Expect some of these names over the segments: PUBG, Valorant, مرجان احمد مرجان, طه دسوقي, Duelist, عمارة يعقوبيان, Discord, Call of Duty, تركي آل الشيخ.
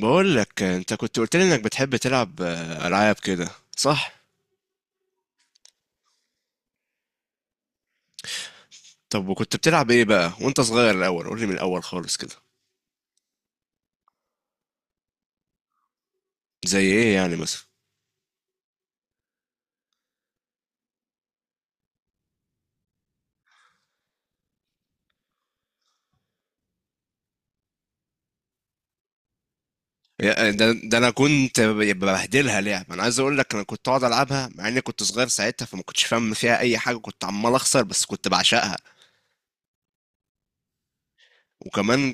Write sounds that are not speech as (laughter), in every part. بقول لك انت كنت قلت لي انك بتحب تلعب العاب كده، صح؟ طب وكنت بتلعب ايه بقى وانت صغير؟ الاول قول لي من الاول خالص كده. زي ايه يعني مثلا؟ ده انا كنت ببهدلها لعب. انا عايز اقول لك انا كنت اقعد العبها مع اني كنت صغير ساعتها، فما كنتش فاهم فيها اي حاجه، كنت عمال اخسر بس كنت بعشقها. وكمان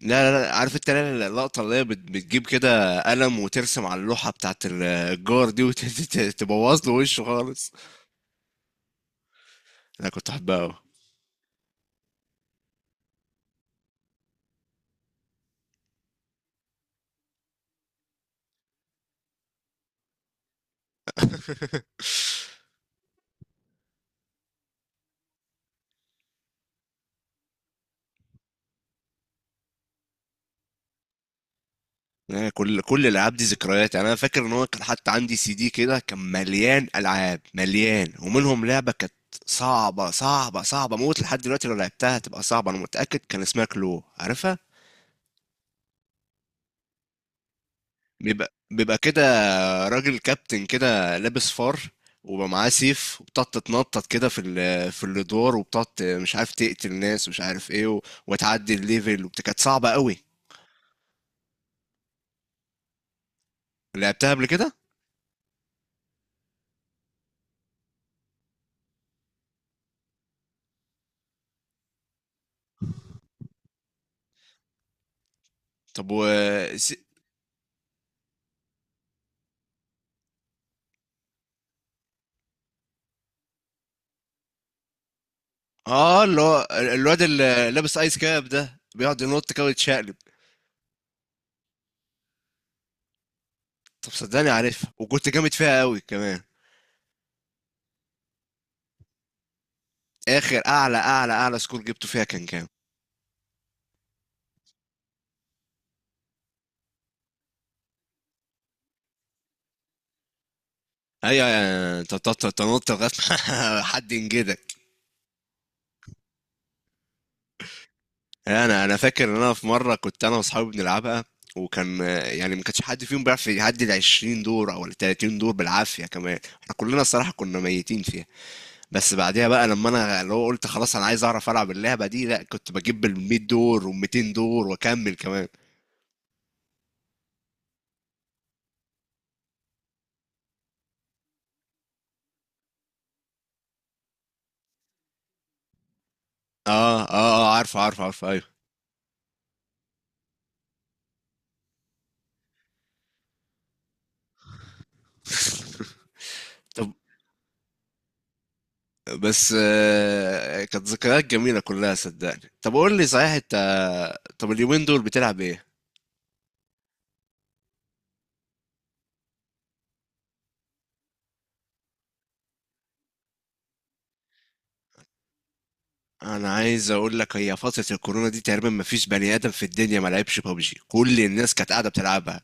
لا عارف انت اللقطه اللي هي بتجيب كده قلم وترسم على اللوحه بتاعت الجار دي وتبوظ له وشه خالص؟ انا كنت احبها أوي. (laughs) يعني كل الالعاب دي ذكريات. يعني انا فاكر ان هو كان حتى عندي سي دي كده كان مليان العاب مليان، ومنهم لعبه كانت صعبه صعبه صعبه موت. لحد دلوقتي لو لعبتها هتبقى صعبه انا متاكد. كان اسمها كلو، عارفها؟ بيبقى كده راجل كابتن كده لابس فار، وبقى معاه سيف، وبتقعد تتنطط كده في الادوار، وبتقعد مش عارف تقتل ناس ومش عارف ايه، وتعدي الليفل، كانت صعبه قوي. لعبتها قبل كده؟ طب و اه، اللي هو الواد اللي لابس ايس كاب ده بيقعد ينط كده ويتشقلب؟ طب صدقني عارفها، وكنت جامد فيها قوي كمان. اخر اعلى سكور جبته فيها كان كام؟ ايوه، يعني انت بتقعد تنط لغايه ما (laughs) حد ينجدك. انا فاكر ان انا في مره كنت انا واصحابي بنلعبها، وكان يعني ما كانش حد فيهم بيعرف يعدي ال 20 دور او ال 30 دور بالعافيه، كمان احنا كلنا الصراحه كنا ميتين فيها. بس بعديها بقى لما انا اللي هو قلت خلاص انا عايز اعرف العب اللعبه دي، لا كنت بجيب ال 100 دور وال 200 دور واكمل كمان. اه عارف ايوه. (laughs) طب بس كانت ذكريات جميله كلها، صدقني. طب قول لي صحيح انت، طب اليومين دول بتلعب ايه؟ انا عايز اقول لك هي فتره الكورونا دي تقريبا ما فيش بني ادم في الدنيا ما لعبش ببجي، كل الناس كانت قاعده بتلعبها.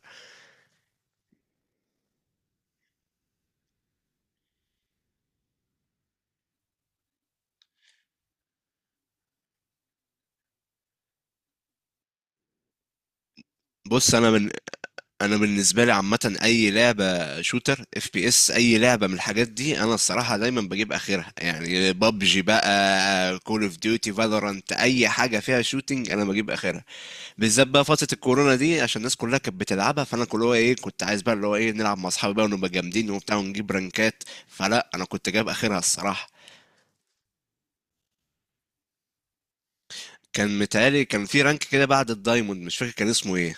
بص انا من انا بالنسبه لي عامه اي لعبه شوتر، اف بي اس، اي لعبه من الحاجات دي انا الصراحه دايما بجيب اخرها. يعني بابجي بقى، كول اوف ديوتي، فالورانت، اي حاجه فيها شوتينج انا بجيب اخرها. بالذات بقى فتره الكورونا دي، عشان الناس كلها كانت بتلعبها، فانا كل هو ايه كنت عايز بقى اللي هو ايه نلعب مع اصحابي بقى ونبقى جامدين وبتاع ونجيب رانكات. فلا، انا كنت جايب اخرها الصراحه. كان متهيألي كان في رانك كده بعد الدايموند، مش فاكر كان اسمه ايه،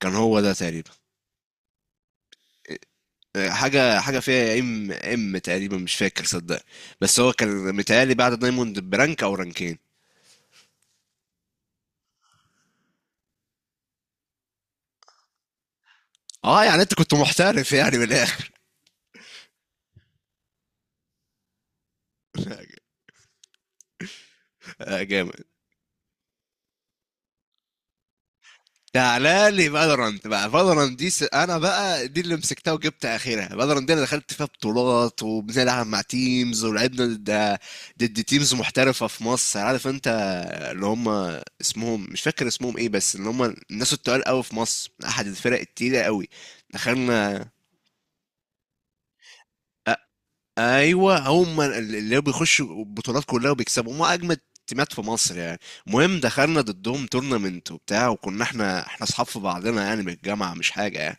كان هو ده تقريبا. حاجة فيها ام ام تقريبا، مش فاكر صدق. بس هو كان متهيألي بعد دايموند برانك او رانكين. اه، يعني انت كنت محترف يعني من الاخر. (laughs) جامد. تعالى لي فالورانت بقى، فالورانت دي انا بقى دي اللي مسكتها وجبت اخرها. فالورانت دي انا دخلت فيها بطولات وبنلعب مع تيمز، ولعبنا ضد، ضد تيمز محترفه في مصر، عارف انت، اللي هم اسمهم مش فاكر اسمهم ايه، بس اللي هم الناس التقال قوي في مصر، احد الفرق التقيله قوي. دخلنا، ايوه هم اللي بيخشوا البطولات كلها وبيكسبوا، هم اجمد تيمات في مصر يعني. المهم دخلنا ضدهم تورنمنت وبتاع، وكنا احنا اصحاب في بعضنا يعني من الجامعه، مش حاجه يعني.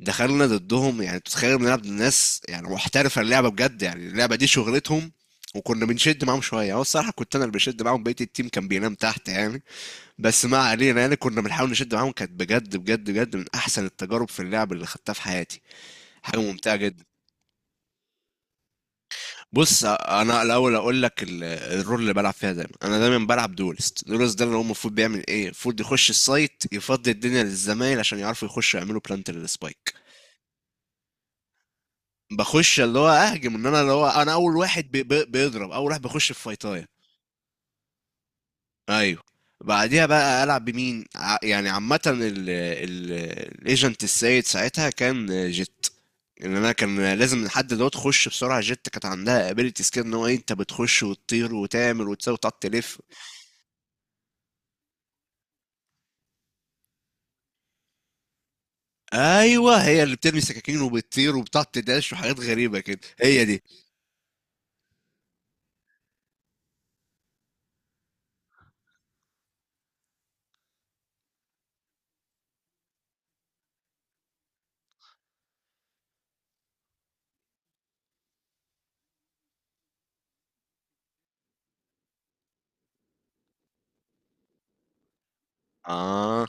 دخلنا ضدهم، يعني تتخيل بنلعب ضد ناس يعني محترفه اللعبه بجد، يعني اللعبه دي شغلتهم. وكنا بنشد معاهم شويه، هو الصراحه كنت انا اللي بشد معاهم، بقيه التيم كان بينام تحت يعني. بس ما علينا، يعني كنا بنحاول نشد معاهم. كانت بجد بجد بجد من احسن التجارب في اللعب اللي خدتها في حياتي. حاجه ممتعه جدا. بص انا الاول اقول لك الرول اللي بلعب فيها دايما. انا دايما بلعب دولست. دولست ده اللي هو المفروض بيعمل ايه؟ المفروض يخش السايت يفضي الدنيا للزمايل عشان يعرفوا يخشوا يعملوا بلانت للسبايك. بخش اللي هو اهجم، ان انا اللي هو انا اول واحد بي بي بيضرب، اول واحد بخش في فايتايه. ايوه. بعديها بقى العب بمين، يعني عامه، الايجنت السيد ساعتها كان جيت، ان انا كان لازم لحد دوت تخش بسرعه. جت كانت عندها ابيلتيز كده ان هو انت بتخش وتطير وتعمل وتساوي وتقعد تلف. ايوه، هي اللي بترمي سكاكين وبتطير وبتقعد تداش وحاجات غريبه كده، هي دي. اه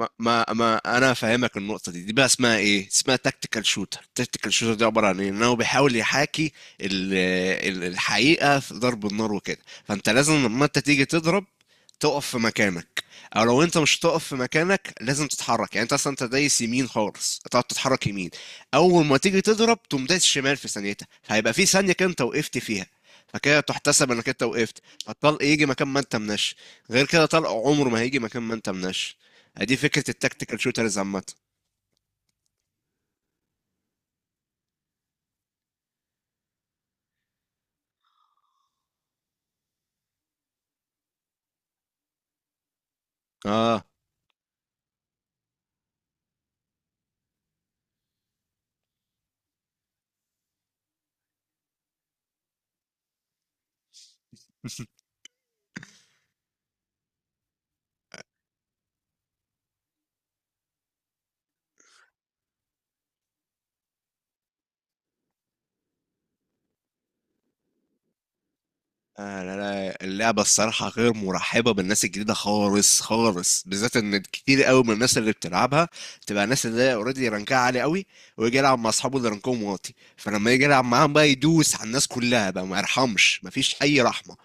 ما انا فاهمك النقطه دي. دي بقى اسمها ايه؟ اسمها تكتيكال شوتر. تكتيكال شوتر دي عباره عن ايه؟ ان هو بيحاول يحاكي ال- الحقيقه في ضرب النار وكده. فانت لازم لما انت تيجي تضرب تقف في مكانك، او لو انت مش تقف في مكانك لازم تتحرك. يعني انت اصلا انت دايس يمين خالص، تقعد تتحرك يمين، اول ما تيجي تضرب تقوم دايس شمال في ثانيتها، فهيبقى في ثانيه كده انت وقفت فيها، فكده تحتسب انك انت وقفت، فالطلق يجي مكان ما انت مناش. غير كده طلق عمره ما هيجي مكان ما انت مناش. دي فكرة التكتيكال شوترز عامة. اه. آه لا، اللعبة الصراحة غير مرحبة بالناس الجديدة خالص خالص، بالذات ان كتير قوي من الناس اللي بتلعبها تبقى الناس اللي اوريدي رانكها عالي قوي، ويجي يلعب مع اصحابه اللي رانكهم واطي، فلما يجي يلعب معاهم بقى يدوس على الناس كلها بقى، ما يرحمش، مفيش اي رحمة.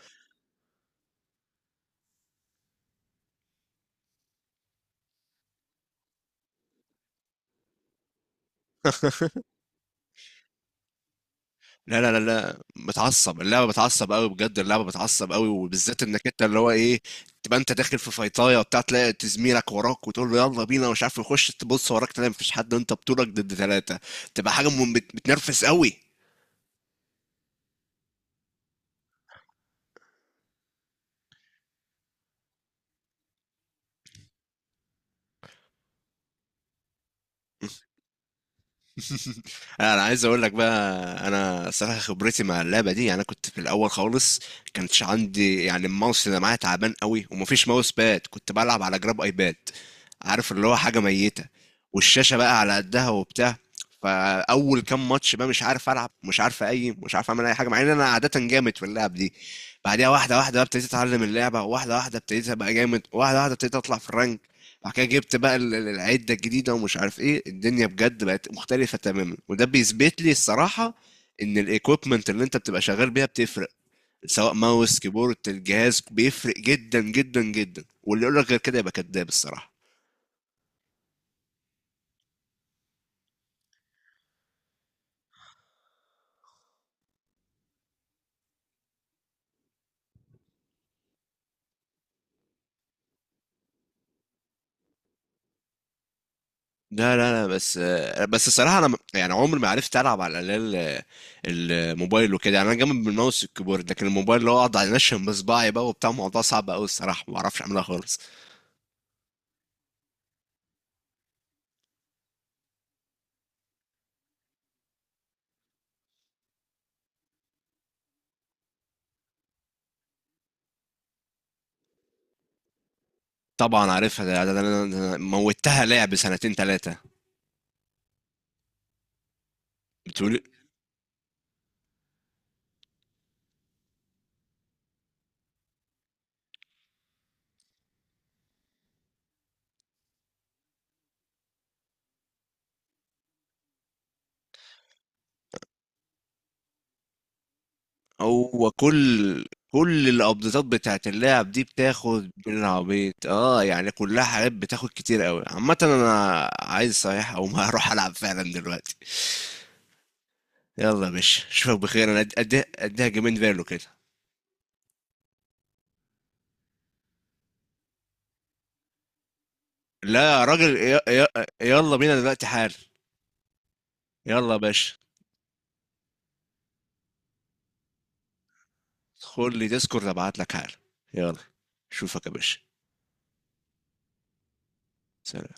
(laughs) لا. بتعصب، اللعبه بتعصب قوي بجد، اللعبه بتعصب قوي، وبالذات انك انت اللي هو ايه، تبقى انت داخل في فايطايه وبتاع، تلاقي زميلك وراك وتقول له يلا بينا ومش عارف يخش، تبص وراك تلاقي مفيش حد وانت بطولك ضد ثلاثه. تبقى حاجه بتنرفز قوي. (laughs) انا عايز اقول لك بقى، انا صراحه خبرتي مع اللعبه دي، يعني انا كنت في الاول خالص كانتش عندي يعني، الماوس اللي معايا تعبان قوي، ومفيش ماوس باد، كنت بلعب على جراب ايباد، عارف اللي هو حاجه ميته، والشاشه بقى على قدها وبتاع. فاول كام ماتش بقى مش عارف العب، مش عارف اي، مش عارف اعمل اي حاجه، مع ان انا عاده جامد في اللعب دي. بعديها واحده واحده بقى ابتديت اتعلم اللعبه، واحده واحده ابتديت ابقى جامد، واحده واحده ابتديت اطلع في الرانك. بعد كده جبت بقى العدة الجديدة ومش عارف ايه، الدنيا بجد بقت مختلفة تماما، وده بيثبت لي الصراحة ان الايكويبمنت اللي انت بتبقى شغال بيها بتفرق، سواء ماوس، كيبورد، الجهاز، بيفرق جدا جدا جدا، واللي يقول لك غير كده يبقى كذاب الصراحة. لا بس بس الصراحة انا يعني عمري ما عرفت العب على الأقل الموبايل وكده، يعني انا جامد بالماوس والكيبورد لكن الموبايل اللي هو اقعد انشن بصباعي بقى وبتاع، الموضوع صعب قوي الصراحة، ما بعرفش اعملها خالص. طبعا عارفها، موتها لعب سنتين ثلاثة. بتقول، هو كل الابديتات بتاعت اللاعب دي بتاخد بالعبيط، اه، يعني كلها حاجات بتاخد كتير قوي عامة. انا عايز صحيح او ما هروح (laughs) العب فعلا دلوقتي. يلا يا باشا اشوفك بخير، انا أد- أديها اديها جيمين فيرلو كده. لا يا راجل، يلا بينا دلوقتي حال. يلا يا باشا. خد لي ديسكورد، ابعت لك حال. يلا، اشوفك يا باشا. سلام.